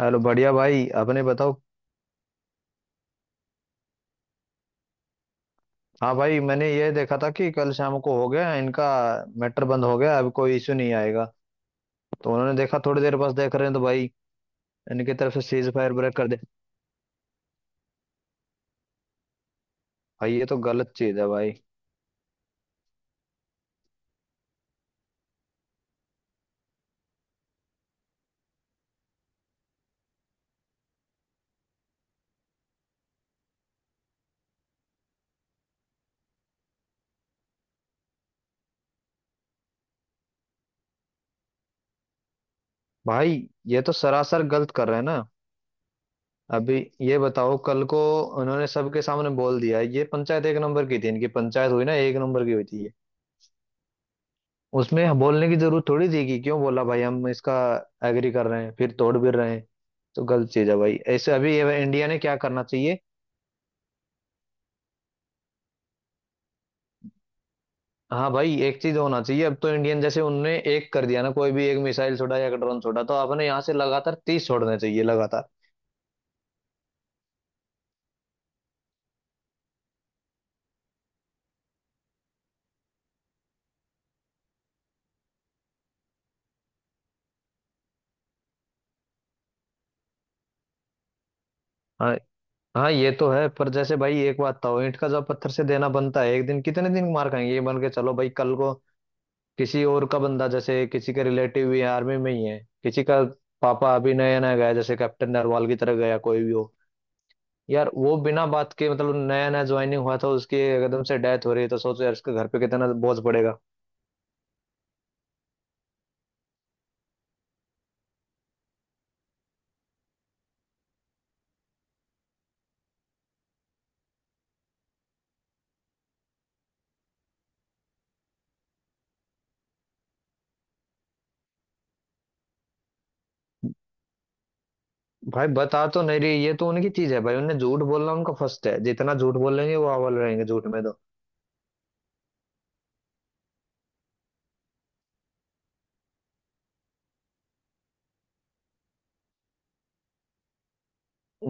Hello, बढ़िया भाई। अपने बताओ। हाँ भाई, मैंने ये देखा था कि कल शाम को हो गया इनका मैटर बंद हो गया, अब कोई इश्यू नहीं आएगा। तो उन्होंने देखा थोड़ी देर, बस देख रहे हैं तो भाई इनकी तरफ से सीज फायर ब्रेक कर दे। भाई ये तो गलत चीज है भाई। भाई ये तो सरासर गलत कर रहे हैं ना। अभी ये बताओ, कल को उन्होंने सबके सामने बोल दिया, ये पंचायत एक नंबर की थी, इनकी पंचायत हुई ना एक नंबर की हुई थी। उसमें हम बोलने की जरूरत थोड़ी थी कि क्यों बोला भाई, हम इसका एग्री कर रहे हैं फिर तोड़ भी रहे हैं। तो गलत चीज है भाई ऐसे। अभी ये इंडिया ने क्या करना चाहिए। हाँ भाई, एक चीज होना चाहिए अब तो इंडियन, जैसे उनने एक कर दिया ना, कोई भी एक मिसाइल छोड़ा या एक ड्रोन छोड़ा तो आपने यहाँ से लगातार 30 छोड़ने चाहिए लगातार। हाँ हाँ, ये तो है। पर जैसे भाई एक बात था, ईंट का जब पत्थर से देना बनता है एक दिन, कितने दिन मार खाएंगे। ये मान के चलो भाई, कल को किसी और का बंदा, जैसे किसी के रिलेटिव भी आर्मी में ही है, किसी का पापा अभी नया नया गया, जैसे कैप्टन नरवाल की तरह गया, कोई भी हो। यार वो बिना बात के, मतलब नया नया ज्वाइनिंग हुआ था उसकी, एकदम से डेथ हो रही है, तो सोचो यार उसके घर पे कितना बोझ पड़ेगा। भाई बता तो नहीं रही, ये तो उनकी चीज है भाई, उन्हें झूठ बोलना उनका फर्स्ट है, जितना झूठ बोलेंगे वो अव्वल रहेंगे झूठ में तो।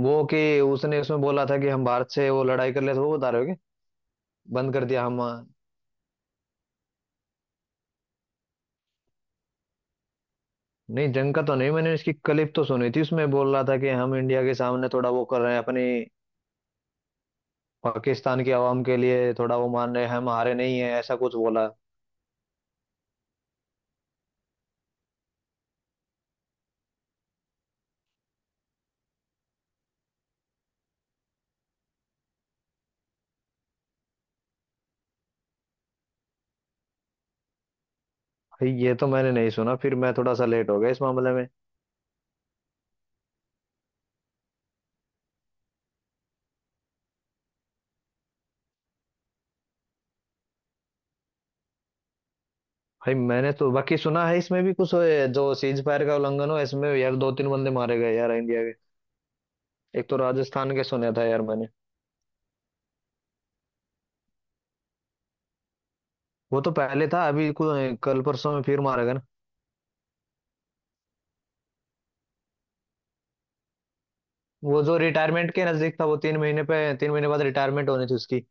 वो कि उसने उसमें बोला था कि हम भारत से वो लड़ाई कर ले, तो वो बता रहे हो कि बंद कर दिया हम। नहीं, जंग का तो नहीं, मैंने इसकी क्लिप तो सुनी थी, उसमें बोल रहा था कि हम इंडिया के सामने थोड़ा वो कर रहे हैं अपनी पाकिस्तान की आवाम के लिए, थोड़ा वो मान रहे हैं हम हारे नहीं है, ऐसा कुछ बोला। भाई ये तो मैंने नहीं सुना, फिर मैं थोड़ा सा लेट हो गया इस मामले में। भाई मैंने तो बाकी सुना है, इसमें भी कुछ जो सीज फायर का उल्लंघन हो इसमें यार, दो तीन बंदे मारे गए यार इंडिया के। एक तो राजस्थान के सुना था यार मैंने। वो तो पहले था, अभी कल परसों में फिर मारा गया ना। वो जो रिटायरमेंट के नजदीक था, वो तीन महीने पे, 3 महीने बाद रिटायरमेंट होनी थी उसकी।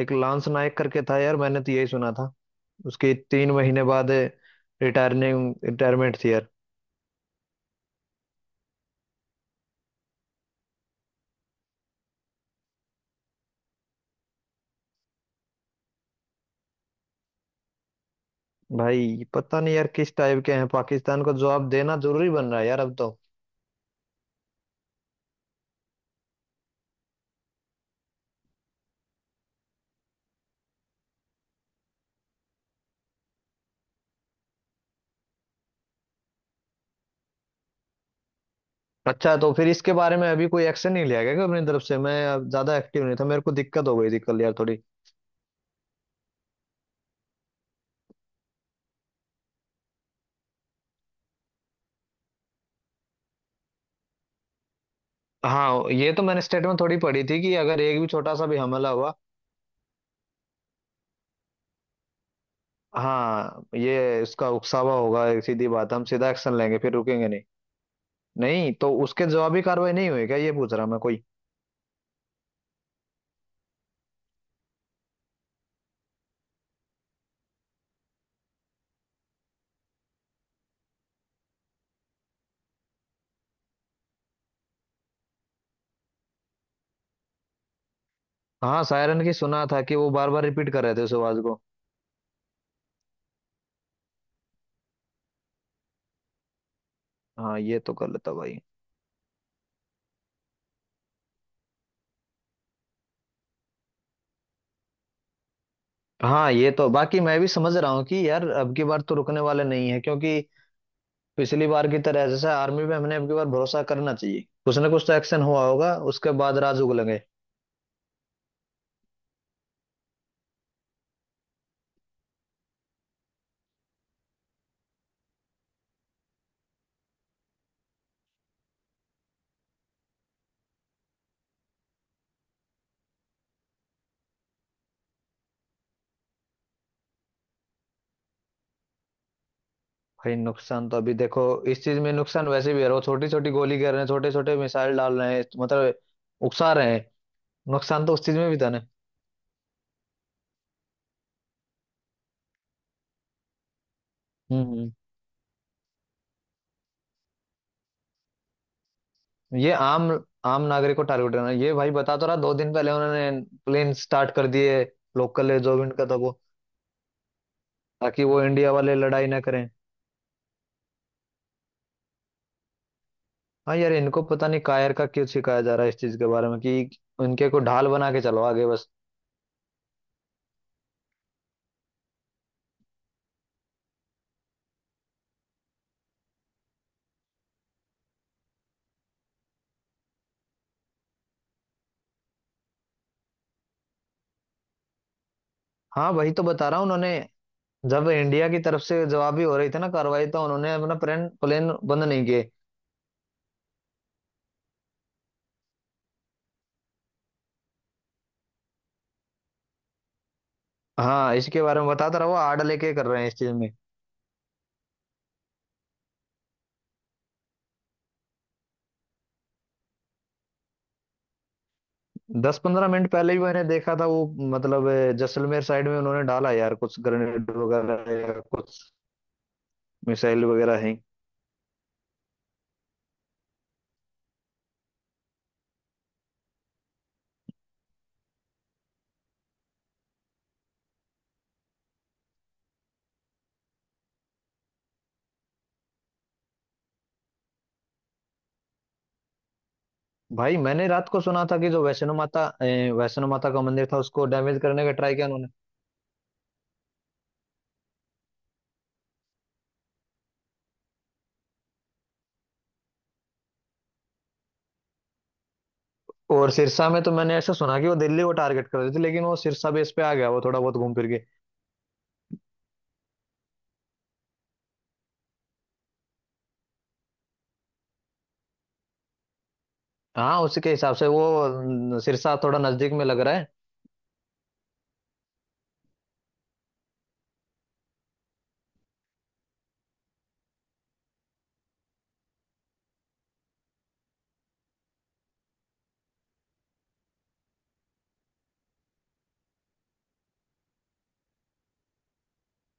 एक लांस नायक करके था यार, मैंने तो यही सुना था। उसकी 3 महीने बाद रिटायरिंग रिटायरमेंट थी यार। भाई पता नहीं यार किस टाइप के हैं, पाकिस्तान को जवाब देना जरूरी बन रहा है यार अब तो। अच्छा तो फिर इसके बारे में अभी कोई एक्शन नहीं लिया गया क्या अपनी तरफ से? मैं अब ज्यादा एक्टिव नहीं था, मेरे को दिक्कत हो गई थी कल यार थोड़ी। हाँ ये तो मैंने स्टेटमेंट थोड़ी पढ़ी थी कि अगर एक भी छोटा सा भी हमला हुआ। हाँ ये इसका उकसावा होगा, एक सीधी बात, हम सीधा एक्शन लेंगे फिर रुकेंगे नहीं। नहीं तो उसके जवाबी कार्रवाई नहीं हुई क्या, ये पूछ रहा मैं कोई। हाँ सायरन की सुना था कि वो बार बार रिपीट कर रहे थे उस आवाज को। हाँ ये तो गलत है भाई। हाँ ये तो बाकी मैं भी समझ रहा हूँ कि यार अब की बार तो रुकने वाले नहीं है, क्योंकि पिछली बार की तरह जैसे आर्मी पे हमने अब की बार भरोसा करना चाहिए, कुछ ना कुछ तो एक्शन हुआ होगा, उसके बाद राज उगलेंगे। भाई नुकसान तो अभी देखो, इस चीज में नुकसान वैसे भी है, वो छोटी छोटी गोली कर रहे हैं, छोटे छोटे मिसाइल डाल रहे हैं, मतलब उकसा रहे हैं। नुकसान तो उस चीज में भी था ना। हम्म। ये आम आम नागरिक को टारगेट करना, ये भाई बता तो रहा, दो दिन पहले उन्होंने प्लेन स्टार्ट कर दिए, लोकल एयरजोविंट का था वो, ताकि वो इंडिया वाले लड़ाई ना करें। हाँ यार इनको पता नहीं कायर का क्यों सिखाया जा रहा है इस चीज के बारे में कि उनके को ढाल बना के चलो आगे बस। हाँ वही तो बता रहा हूँ उन्होंने, जब इंडिया की तरफ से जवाबी हो रही थी ना कार्रवाई, तो उन्होंने अपना प्लेन प्लेन बंद नहीं किए। हाँ इसके बारे में बताता रहा, वो आड़ लेके कर रहे हैं इस चीज में। 10 15 मिनट पहले ही मैंने देखा था वो, मतलब जैसलमेर साइड में उन्होंने डाला यार कुछ ग्रेनेड वगैरह या कुछ मिसाइल वगैरह है। भाई मैंने रात को सुना था कि जो वैष्णो माता वैष्णो माता का मंदिर था, उसको डैमेज करने का ट्राई किया। और सिरसा में तो मैंने ऐसा सुना कि वो दिल्ली को टारगेट कर रही थी, लेकिन वो सिरसा बेस पे आ गया, वो थोड़ा बहुत घूम फिर के। हाँ उसके हिसाब से वो न, सिरसा थोड़ा नजदीक में लग रहा है।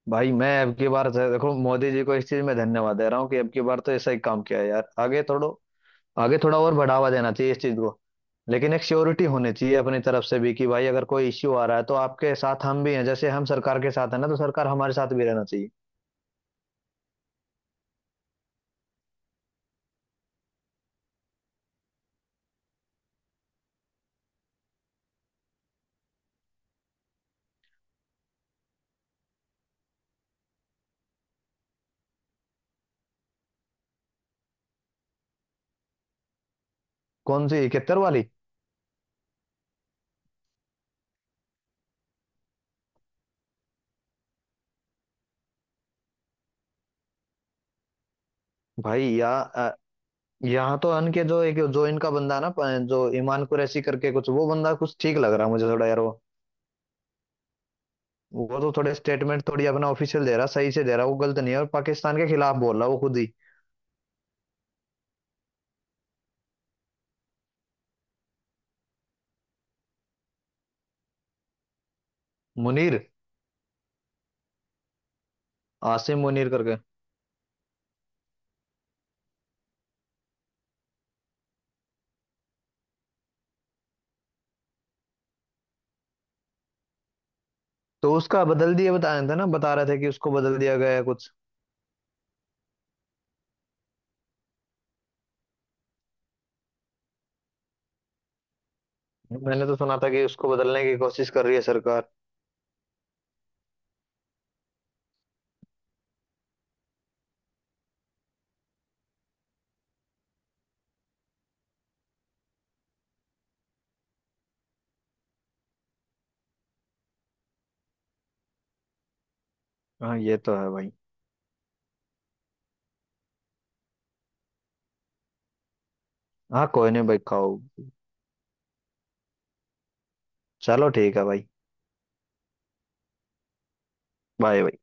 भाई मैं अब की बार देखो, मोदी जी को इस चीज में धन्यवाद दे रहा हूँ कि अब की बार तो ऐसा ही काम किया है यार, आगे थोड़ा, आगे थोड़ा और बढ़ावा देना चाहिए इस चीज को। लेकिन एक श्योरिटी होनी चाहिए अपनी तरफ से भी कि भाई अगर कोई इश्यू आ रहा है तो आपके साथ हम भी हैं, जैसे हम सरकार के साथ है ना तो सरकार हमारे साथ भी रहना चाहिए। कौन सी 71 वाली? भाई या, यहाँ तो अन के जो एक जो इनका बंदा ना जो ईमान कुरैशी करके कुछ, वो बंदा कुछ ठीक लग रहा है मुझे थोड़ा यार वो। वो तो थोड़े स्टेटमेंट थोड़ी अपना ऑफिशियल दे रहा, सही से दे रहा, वो गलत नहीं है और पाकिस्तान के खिलाफ बोल रहा वो खुद ही। मुनीर, आसिम मुनीर करके। तो उसका बदल दिया बता रहे थे ना, बता रहे थे कि उसको बदल दिया गया है कुछ। मैंने तो सुना था कि उसको बदलने की कोशिश कर रही है सरकार। हाँ ये तो है भाई। हाँ कोई नहीं भाई, खाओ। चलो ठीक है भाई। बाय भाई।